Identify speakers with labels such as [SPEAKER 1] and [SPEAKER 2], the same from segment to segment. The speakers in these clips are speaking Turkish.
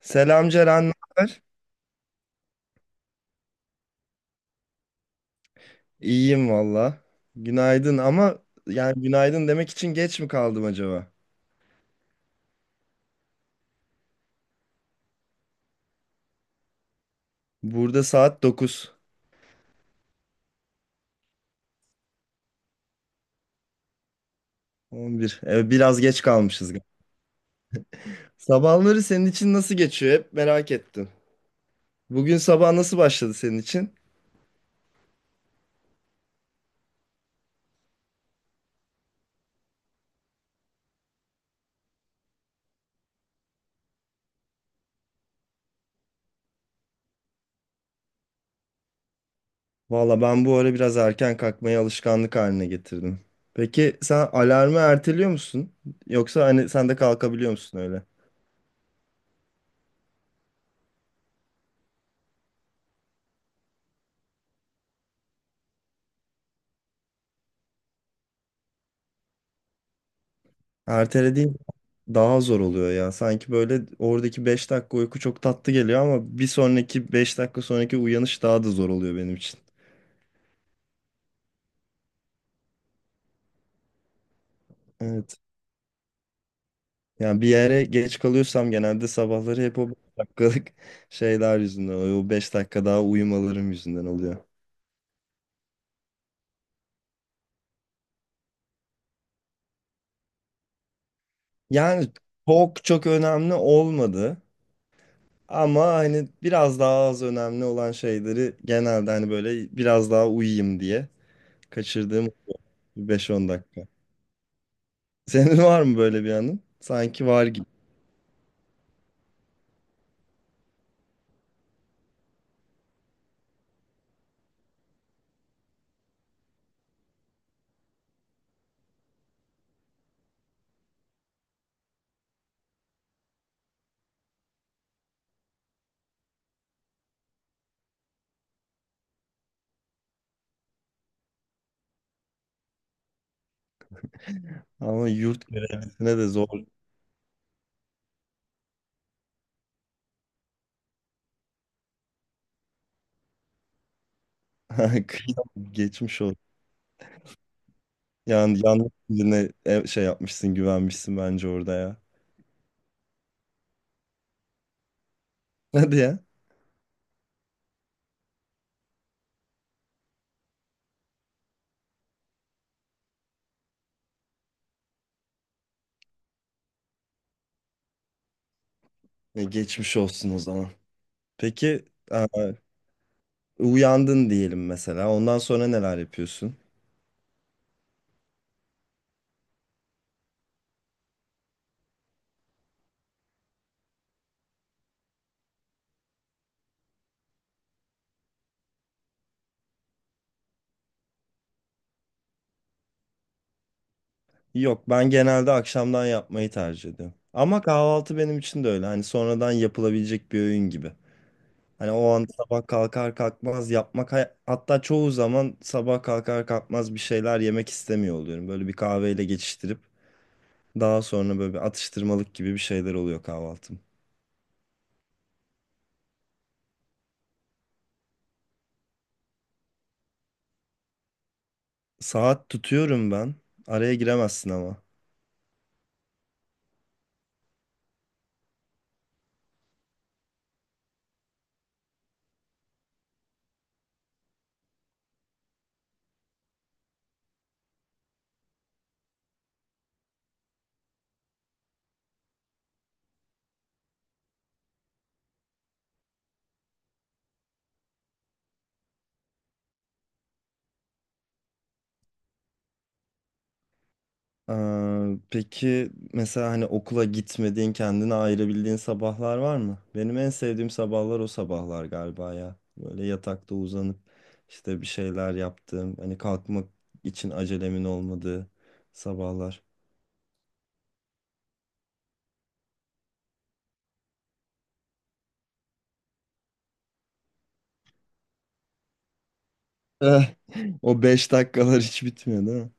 [SPEAKER 1] Selam Ceren, ne haber? İyiyim valla. Günaydın ama yani günaydın demek için geç mi kaldım acaba? Burada saat dokuz on bir, evet, biraz geç kalmışız. Sabahları senin için nasıl geçiyor? Hep merak ettim. Bugün sabah nasıl başladı senin için? Valla ben bu ara biraz erken kalkmayı alışkanlık haline getirdim. Peki sen alarmı erteliyor musun? Yoksa hani sen de kalkabiliyor musun öyle? Ertelediğin daha zor oluyor ya. Sanki böyle oradaki 5 dakika uyku çok tatlı geliyor ama bir sonraki 5 dakika sonraki uyanış daha da zor oluyor benim için. Evet. Yani bir yere geç kalıyorsam genelde sabahları hep o 5 dakikalık şeyler yüzünden oluyor. O 5 dakika daha uyumalarım yüzünden oluyor. Yani çok çok önemli olmadı. Ama hani biraz daha az önemli olan şeyleri genelde hani böyle biraz daha uyuyayım diye kaçırdığım beş on dakika. Senin var mı böyle bir anın? Sanki var gibi. Ama yurt görevlisine de zor. Kıyam geçmiş ol. Yani yanlış birine şey yapmışsın, güvenmişsin bence orada ya. Hadi ya. Geçmiş olsun o zaman. Peki e, uyandın diyelim mesela. Ondan sonra neler yapıyorsun? Yok ben genelde akşamdan yapmayı tercih ediyorum. Ama kahvaltı benim için de öyle. Hani sonradan yapılabilecek bir öğün gibi. Hani o an sabah kalkar kalkmaz yapmak hatta çoğu zaman sabah kalkar kalkmaz bir şeyler yemek istemiyor oluyorum. Böyle bir kahveyle geçiştirip daha sonra böyle bir atıştırmalık gibi bir şeyler oluyor kahvaltım. Saat tutuyorum ben. Araya giremezsin ama. Peki mesela hani okula gitmediğin, kendine ayırabildiğin sabahlar var mı? Benim en sevdiğim sabahlar o sabahlar galiba ya. Böyle yatakta uzanıp işte bir şeyler yaptığım, hani kalkmak için acelemin olmadığı sabahlar. Eh, O 5 dakikalar hiç bitmiyor değil mi?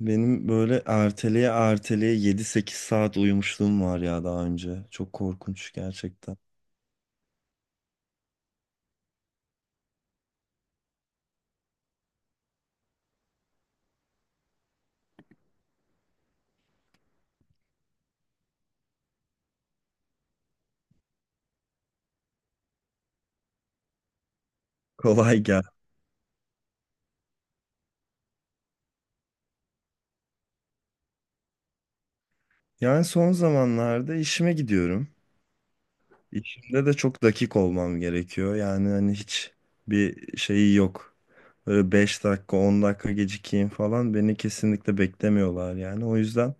[SPEAKER 1] Benim böyle erteleye erteleye yedi sekiz saat uyumuşluğum var ya daha önce. Çok korkunç gerçekten. Kolay gel. Yani son zamanlarda işime gidiyorum. İşimde de çok dakik olmam gerekiyor. Yani hani hiç bir şeyi yok. Böyle 5 dakika 10 dakika gecikeyim falan beni kesinlikle beklemiyorlar yani. O yüzden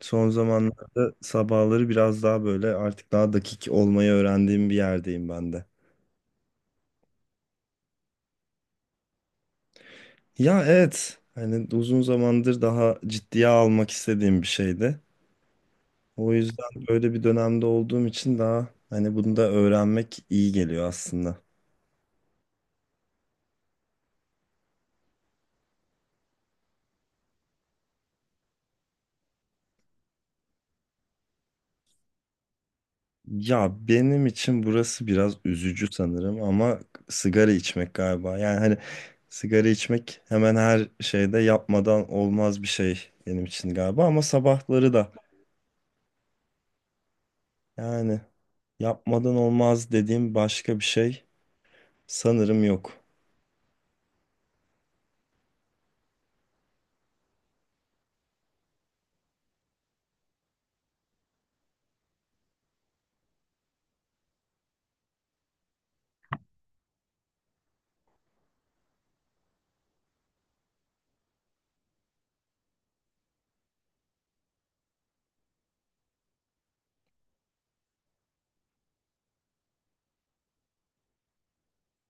[SPEAKER 1] son zamanlarda sabahları biraz daha böyle artık daha dakik olmayı öğrendiğim bir yerdeyim ben de. Ya evet. Hani uzun zamandır daha ciddiye almak istediğim bir şeydi. O yüzden böyle bir dönemde olduğum için daha hani bunu da öğrenmek iyi geliyor aslında. Ya benim için burası biraz üzücü sanırım ama sigara içmek galiba. Yani hani sigara içmek hemen her şeyde yapmadan olmaz bir şey benim için galiba ama sabahları da yani yapmadan olmaz dediğim başka bir şey sanırım yok.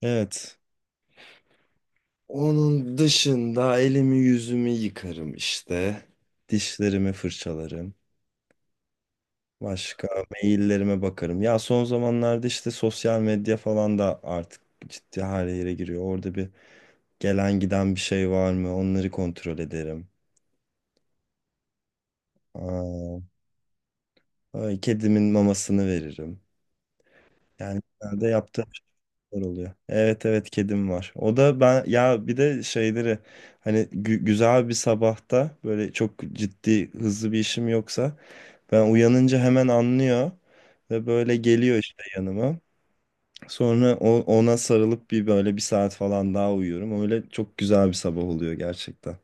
[SPEAKER 1] Evet. Onun dışında elimi yüzümü yıkarım işte. Dişlerimi fırçalarım. Başka maillerime bakarım. Ya son zamanlarda işte sosyal medya falan da artık ciddi her yere giriyor. Orada bir gelen giden bir şey var mı? Onları kontrol ederim. Aa, ay, kedimin mamasını veririm. Yani genelde yaptığım şeyler oluyor. Evet evet kedim var. O da ben ya bir de şeyleri hani güzel bir sabahta böyle çok ciddi hızlı bir işim yoksa ben uyanınca hemen anlıyor ve böyle geliyor işte yanıma. Sonra ona sarılıp bir böyle bir saat falan daha uyuyorum. Öyle çok güzel bir sabah oluyor gerçekten.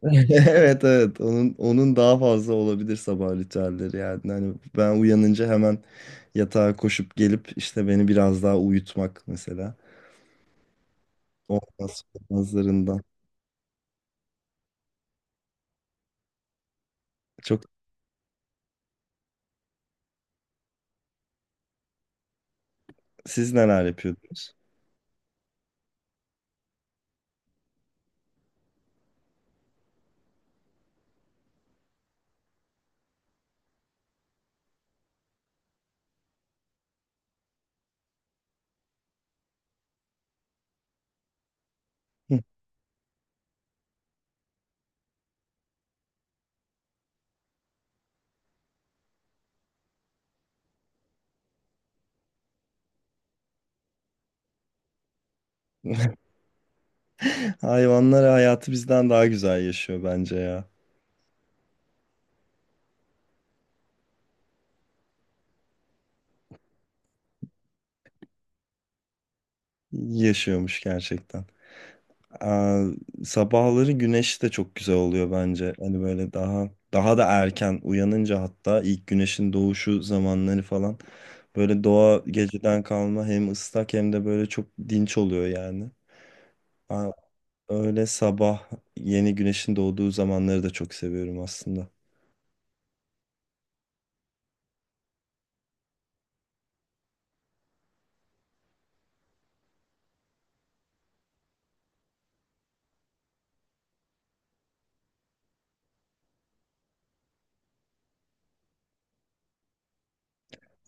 [SPEAKER 1] Evet evet onun daha fazla olabilir sabah ritüelleri yani. Hani ben uyanınca hemen yatağa koşup gelip işte beni biraz daha uyutmak mesela. Olmaz olmazlarından. Çok siz neler yapıyordunuz? Hayvanlar hayatı bizden daha güzel yaşıyor bence ya. Yaşıyormuş gerçekten. Aa, sabahları güneş de çok güzel oluyor bence. Hani böyle daha da erken uyanınca hatta ilk güneşin doğuşu zamanları falan böyle doğa geceden kalma hem ıslak hem de böyle çok dinç oluyor yani. Aa, öyle sabah yeni güneşin doğduğu zamanları da çok seviyorum aslında.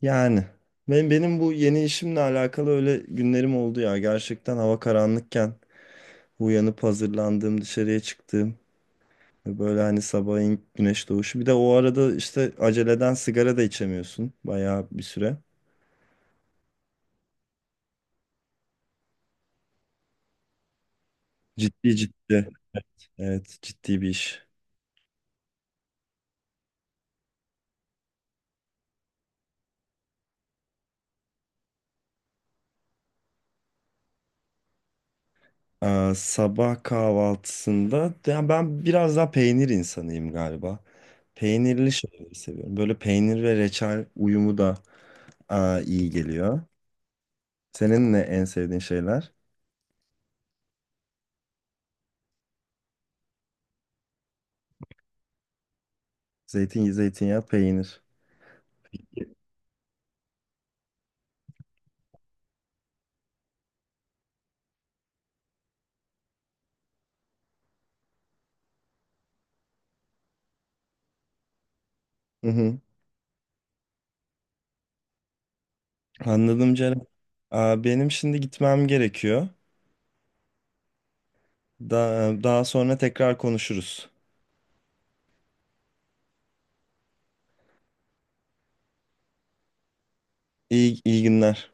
[SPEAKER 1] Yani benim bu yeni işimle alakalı öyle günlerim oldu ya. Gerçekten hava karanlıkken uyanıp hazırlandığım, dışarıya çıktığım ve böyle hani sabahın güneş doğuşu. Bir de o arada işte aceleden sigara da içemiyorsun. Bayağı bir süre. Ciddi ciddi. Evet ciddi bir iş. Sabah kahvaltısında yani ben biraz daha peynir insanıyım galiba. Peynirli şeyleri seviyorum. Böyle peynir ve reçel uyumu da aa, iyi geliyor. Senin ne en sevdiğin şeyler? Zeytin, zeytinyağı, peynir. Hı hı. Anladım Ceren. Aa, benim şimdi gitmem gerekiyor. Daha sonra tekrar konuşuruz. İyi, iyi günler.